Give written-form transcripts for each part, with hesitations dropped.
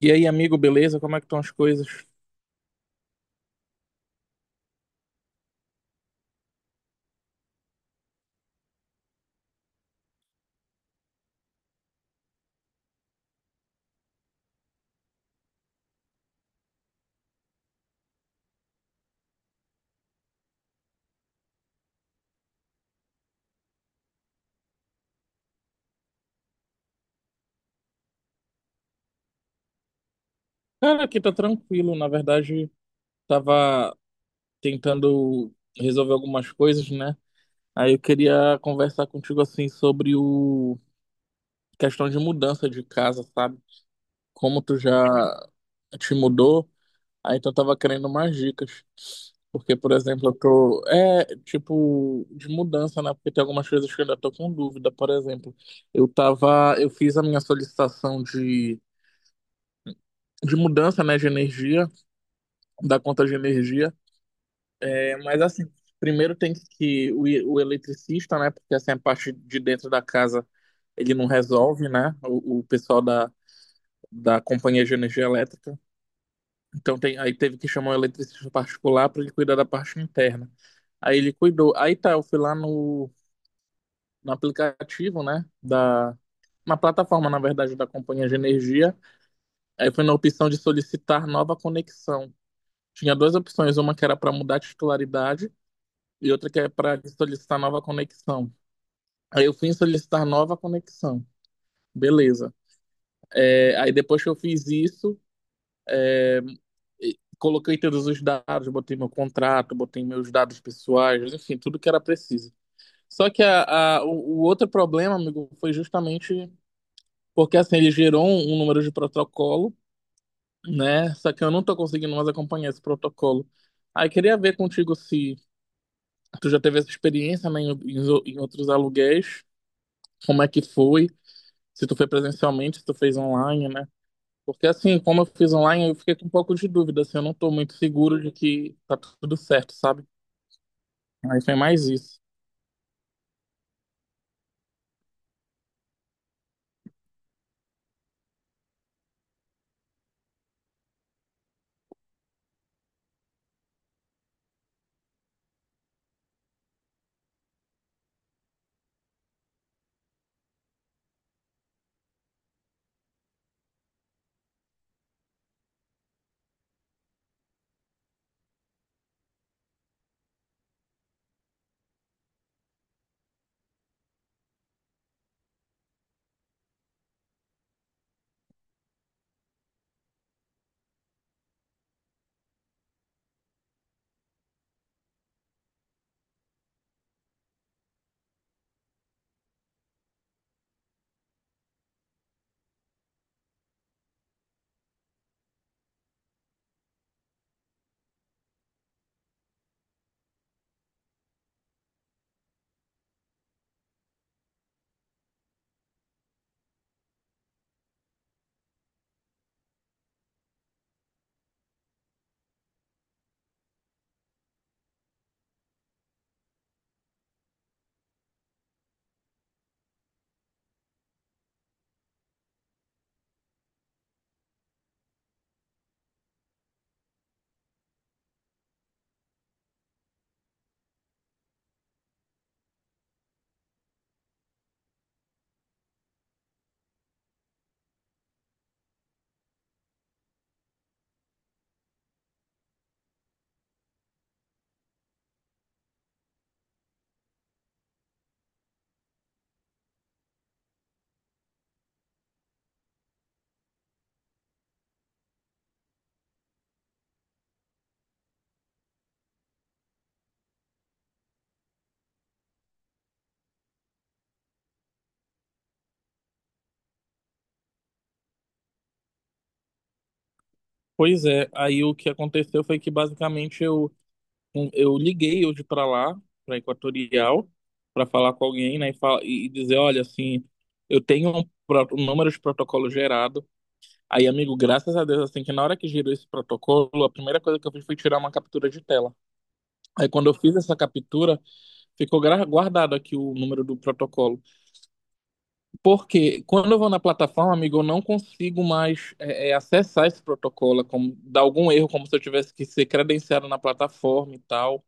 E aí, amigo, beleza? Como é que estão as coisas? Cara, aqui tá tranquilo. Na verdade, tava tentando resolver algumas coisas, né? Aí eu queria conversar contigo assim sobre o questão de mudança de casa, sabe? Como tu já te mudou, aí então eu tava querendo mais dicas. Porque, por exemplo, eu tô. É, tipo, de mudança, né? Porque tem algumas coisas que eu ainda tô com dúvida. Por exemplo, eu tava. Eu fiz a minha solicitação de mudança, né? De energia. Da conta de energia. É, mas assim, primeiro tem que o eletricista, né? Porque assim, a parte de dentro da casa ele não resolve, né? O pessoal da companhia de energia elétrica. Então tem, aí teve que chamar um eletricista particular para ele cuidar da parte interna. Aí ele cuidou. Aí tá, eu fui lá no aplicativo, né? Da, na plataforma, na verdade, da companhia de energia. Aí foi na opção de solicitar nova conexão. Tinha duas opções, uma que era para mudar a titularidade e outra que é para solicitar nova conexão. Aí eu fui solicitar nova conexão. Beleza. É, aí depois que eu fiz isso, coloquei todos os dados, botei meu contrato, botei meus dados pessoais, enfim, tudo que era preciso. Só que o outro problema, amigo, foi justamente porque assim, ele gerou um, um número de protocolo, né? Só que eu não tô conseguindo mais acompanhar esse protocolo. Aí queria ver contigo se tu já teve essa experiência, né, em outros aluguéis, como é que foi. Se tu foi presencialmente, se tu fez online, né? Porque assim, como eu fiz online, eu fiquei com um pouco de dúvida, assim, eu não tô muito seguro de que tá tudo certo, sabe? Aí foi mais isso. Pois é, aí o que aconteceu foi que basicamente eu liguei hoje pra lá, pra Equatorial, pra falar com alguém, né, e, fala, e dizer, olha, assim, eu tenho um número de protocolo gerado. Aí, amigo, graças a Deus, assim, que na hora que gerou esse protocolo, a primeira coisa que eu fiz foi tirar uma captura de tela. Aí quando eu fiz essa captura, ficou guardado aqui o número do protocolo. Porque quando eu vou na plataforma, amigo, eu não consigo mais acessar esse protocolo. É como, dá algum erro, como se eu tivesse que ser credenciado na plataforma e tal.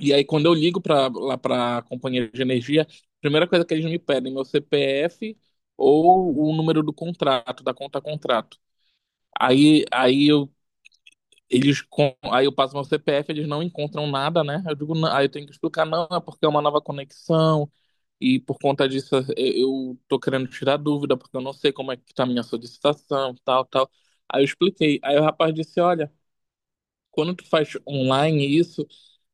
E aí, quando eu ligo para lá para a companhia de energia, a primeira coisa que eles me pedem é meu CPF ou o número do contrato, da conta contrato. Aí eu eles com... Aí eu passo meu CPF, eles não encontram nada, né? Eu digo, não. Aí eu tenho que explicar, não, é porque é uma nova conexão e por conta disso eu tô querendo tirar dúvida porque eu não sei como é que tá a minha solicitação, tal, tal. Aí eu expliquei. Aí o rapaz disse, olha, quando tu faz online isso,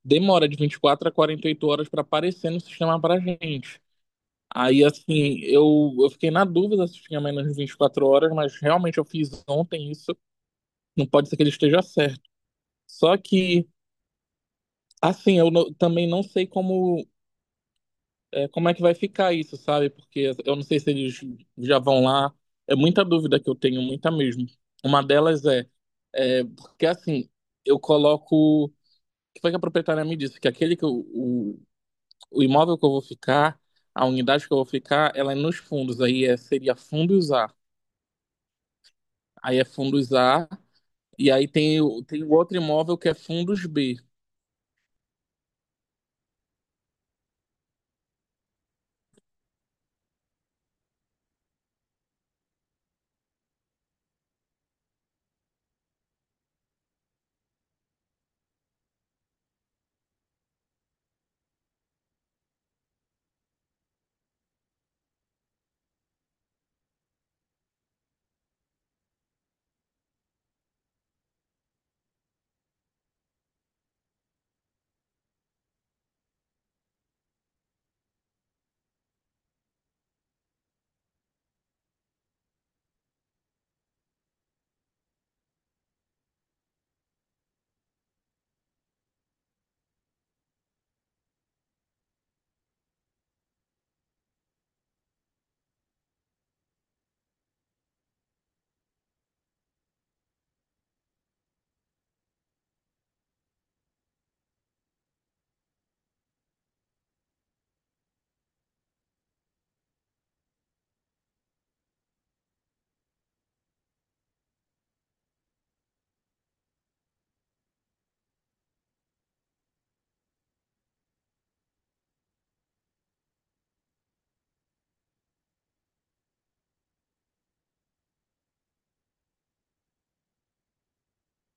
demora de 24 a 48 horas para aparecer no sistema pra gente. Aí assim, eu fiquei na dúvida se tinha menos de 24 horas, mas realmente eu fiz ontem isso, não pode ser que ele esteja certo. Só que assim, eu também não sei como é que vai ficar isso, sabe? Porque eu não sei se eles já vão lá. É muita dúvida que eu tenho, muita mesmo. Uma delas é, é porque assim, eu coloco. O que foi que a proprietária me disse? Que aquele que o imóvel que eu vou ficar, a unidade que eu vou ficar, ela é nos fundos. Aí é, seria fundos A. Aí é fundos A. E aí tem, tem o outro imóvel que é fundos B.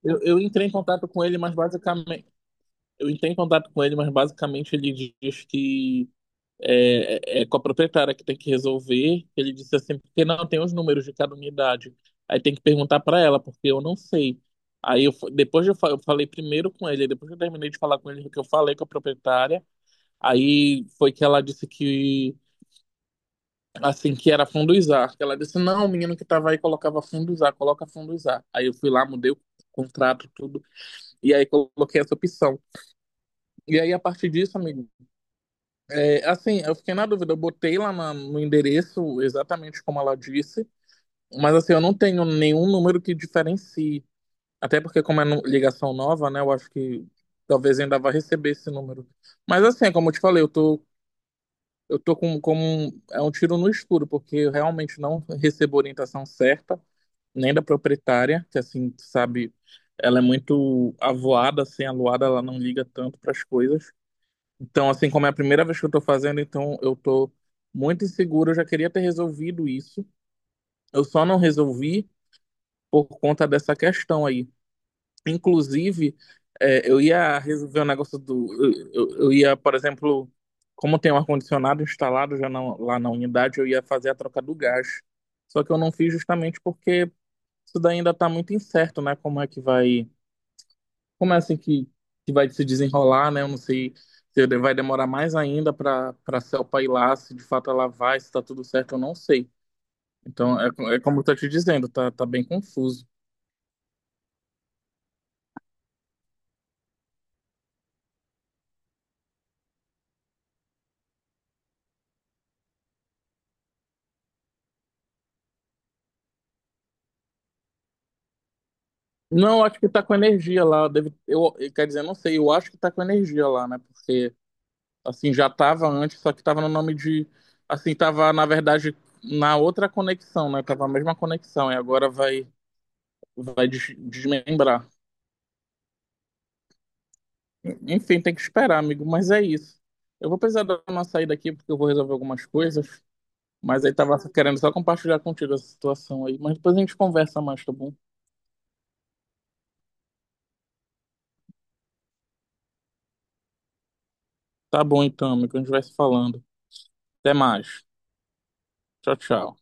Eu entrei em contato com ele, mas basicamente. Eu entrei em contato com ele, mas basicamente ele diz que é, é com a proprietária que tem que resolver. Ele disse assim, porque não tem os números de cada unidade. Aí tem que perguntar para ela, porque eu não sei. Aí eu, depois eu, eu falei primeiro com ele, depois eu terminei de falar com ele, que eu falei com a proprietária. Aí foi que ela disse que assim que era funduzar. Ela disse, não, o menino que tava aí colocava funduzar, coloca funduzar. Aí eu fui lá, mudei o contrato, tudo, e aí coloquei essa opção. E aí, a partir disso, amigo, é, assim, eu fiquei na dúvida, eu botei lá no endereço exatamente como ela disse, mas assim, eu não tenho nenhum número que diferencie. Até porque, como é ligação nova, né, eu acho que talvez ainda vá receber esse número. Mas assim, é como eu te falei, eu tô com um, é um tiro no escuro, porque eu realmente não recebo orientação certa, nem da proprietária, que assim, tu sabe, ela é muito avoada, assim, aluada, ela não liga tanto para as coisas. Então, assim, como é a primeira vez que eu tô fazendo, então eu tô muito inseguro. Eu já queria ter resolvido isso. Eu só não resolvi por conta dessa questão aí. Inclusive, é, eu ia resolver o negócio do. Eu ia, por exemplo, como tem um ar-condicionado instalado já lá na unidade, eu ia fazer a troca do gás. Só que eu não fiz justamente porque isso daí ainda tá muito incerto, né? Como é que vai. Como é assim que vai se desenrolar, né? Eu não sei se vai demorar mais ainda para Selpa ir lá, se de fato ela vai, se está tudo certo, eu não sei. Então, é, é como eu tô te dizendo, tá, tá bem confuso. Não, eu acho que tá com energia lá. Deve, quer dizer, eu não sei, eu acho que tá com energia lá, né? Porque, assim, já tava antes, só que tava no nome de. Assim, tava, na verdade, na outra conexão, né? Tava a mesma conexão, e agora vai, vai desmembrar. Enfim, tem que esperar, amigo, mas é isso. Eu vou precisar dar uma saída aqui porque eu vou resolver algumas coisas, mas aí tava querendo só compartilhar contigo essa situação aí, mas depois a gente conversa mais, tá bom? Tá bom então, amigo, a gente vai se falando. Até mais. Tchau, tchau.